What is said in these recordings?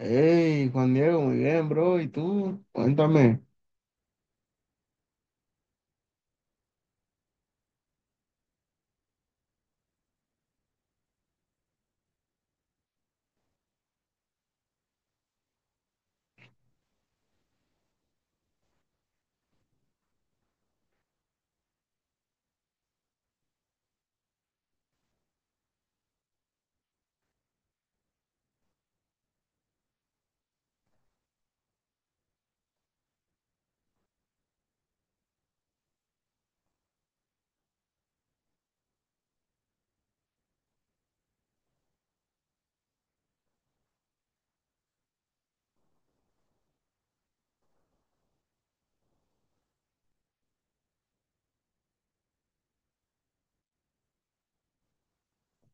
Hey, Juan Diego, muy bien, bro. ¿Y tú? Cuéntame.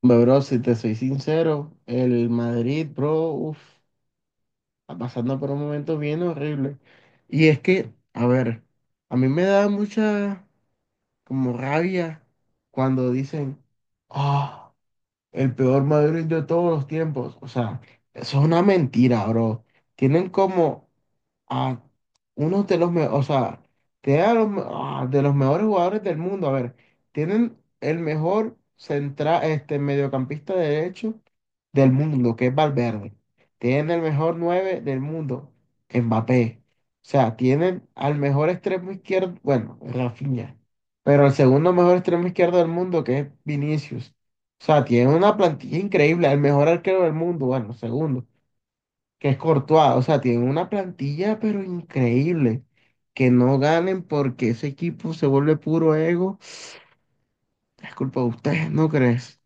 Hombre, bro, si te soy sincero, el Madrid, bro, uff, está pasando por un momento bien horrible. Y es que, a ver, a mí me da mucha como rabia cuando dicen, ah, el peor Madrid de todos los tiempos. O sea, eso es una mentira, bro. Tienen como a uno de los mejores, o sea, tiene a los, de los mejores jugadores del mundo. A ver, tienen el mejor central, este mediocampista derecho del mundo, que es Valverde. Tienen el mejor 9 del mundo, Mbappé. O sea, tienen al mejor extremo izquierdo, bueno, Rafinha, pero el segundo mejor extremo izquierdo del mundo, que es Vinicius. O sea, tienen una plantilla increíble, el mejor arquero del mundo, bueno, segundo, que es Courtois. O sea, tienen una plantilla pero increíble. Que no ganen, porque ese equipo se vuelve puro ego, es culpa de ustedes, ¿no crees?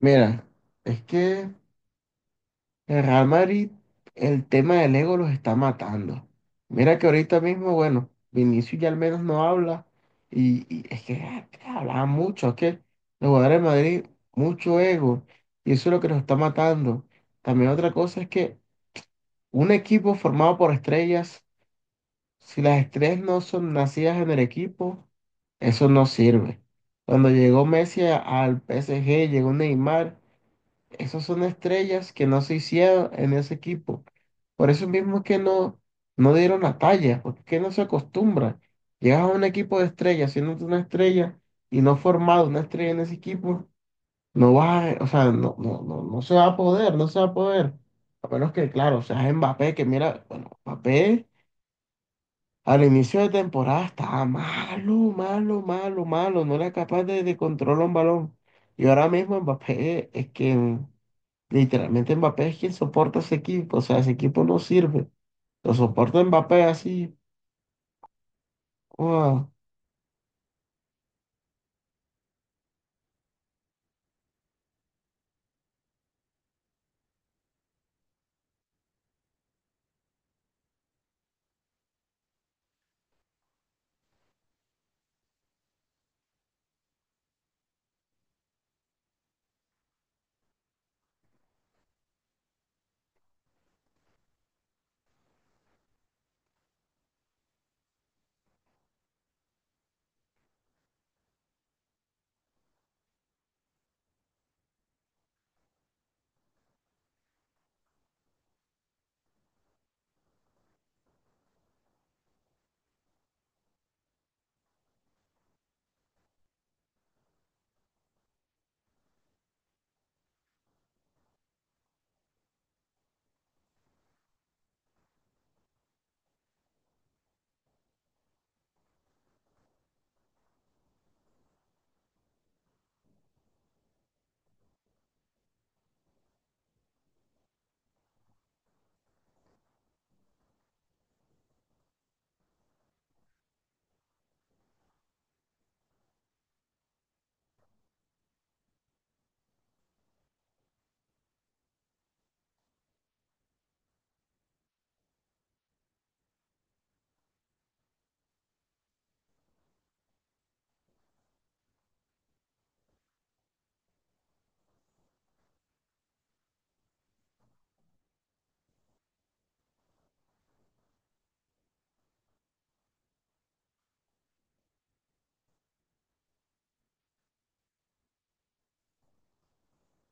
Mira, es que el Real Madrid, el tema del ego los está matando. Mira que ahorita mismo, bueno, Vinicius ya al menos no habla, y es que hablaba mucho. Es que los jugadores de Madrid, mucho ego, y eso es lo que los está matando. También otra cosa es que un equipo formado por estrellas: si las estrellas no son nacidas en el equipo, eso no sirve. Cuando llegó Messi al PSG, llegó Neymar, esas son estrellas que no se hicieron en ese equipo. Por eso mismo es que no, no dieron la talla, porque es que no se acostumbra. Llegas a un equipo de estrellas, siendo tú una estrella y no formado una estrella en ese equipo, no vas a, o sea, no, no, no, no se va a poder, no se va a poder. A menos que, claro, seas Mbappé, que mira, bueno, Mbappé. Al inicio de temporada estaba malo, malo, malo, malo. No era capaz de controlar un balón. Y ahora mismo Mbappé es quien, literalmente, Mbappé es quien soporta ese equipo. O sea, ese equipo no sirve. Lo soporta Mbappé así. ¡Guau!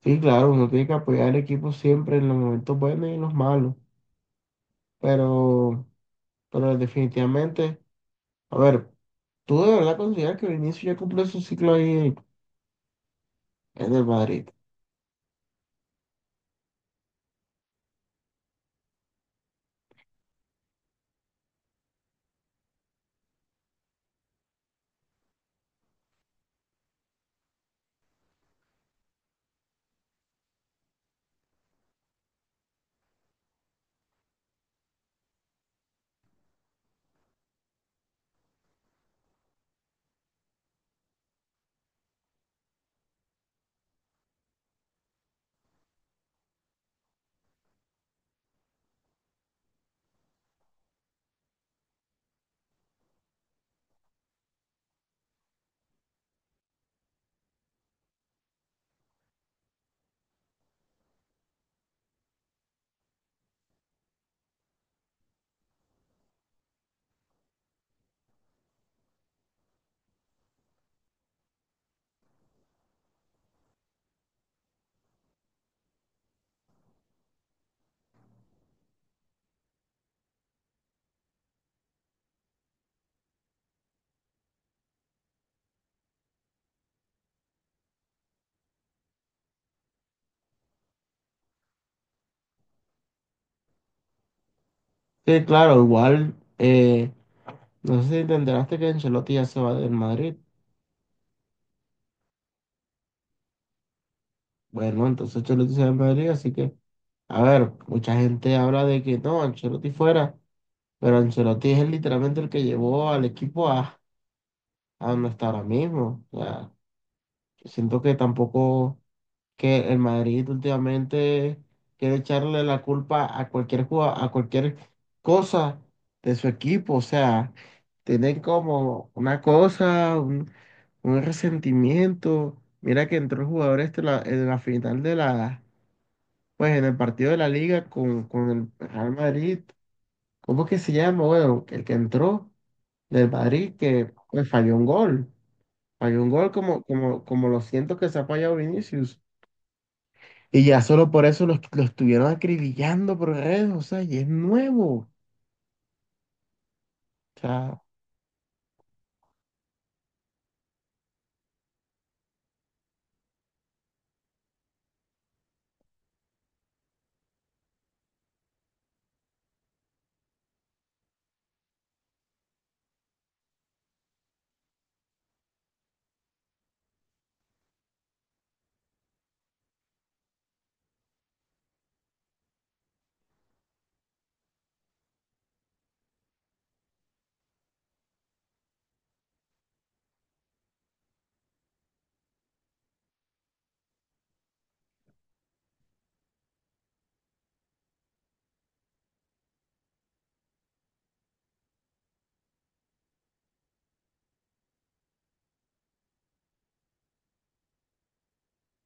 Sí, claro, uno tiene que apoyar al equipo siempre en los momentos buenos y en los malos. Pero, definitivamente, a ver, ¿tú de verdad consideras que el inicio ya cumplió su ciclo ahí en el Madrid? Sí, claro, igual. No sé si te enteraste que Ancelotti ya se va del Madrid. Bueno, entonces Ancelotti se va del Madrid, así que, a ver, mucha gente habla de que no, Ancelotti fuera, pero Ancelotti es literalmente el que llevó al equipo a, donde está ahora mismo. O sea, siento que tampoco, que el Madrid últimamente quiere echarle la culpa a cualquier jugada, a cualquier cosa de su equipo. O sea, tienen como una cosa, un resentimiento. Mira que entró el jugador este en la final de la, pues, en el partido de la liga con el Real Madrid. ¿Cómo que se llama? Bueno, el que entró del Madrid, que pues, falló un gol. Falló un gol como lo siento que se ha fallado Vinicius. Y ya solo por eso los estuvieron acribillando por redes, o sea, y es nuevo. O sea,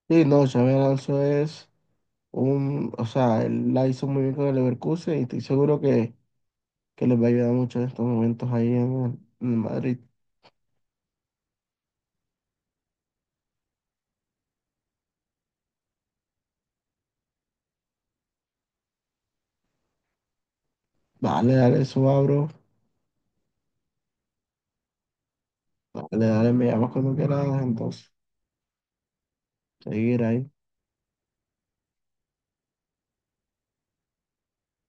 sí, no, Xabi Alonso es un, o sea, él la hizo muy bien con el Leverkusen y estoy seguro que les va a ayudar mucho en estos momentos ahí en, en Madrid. Dale, dale, eso abro. Dale, dale, me llamas cuando quieras, entonces, seguir ahí.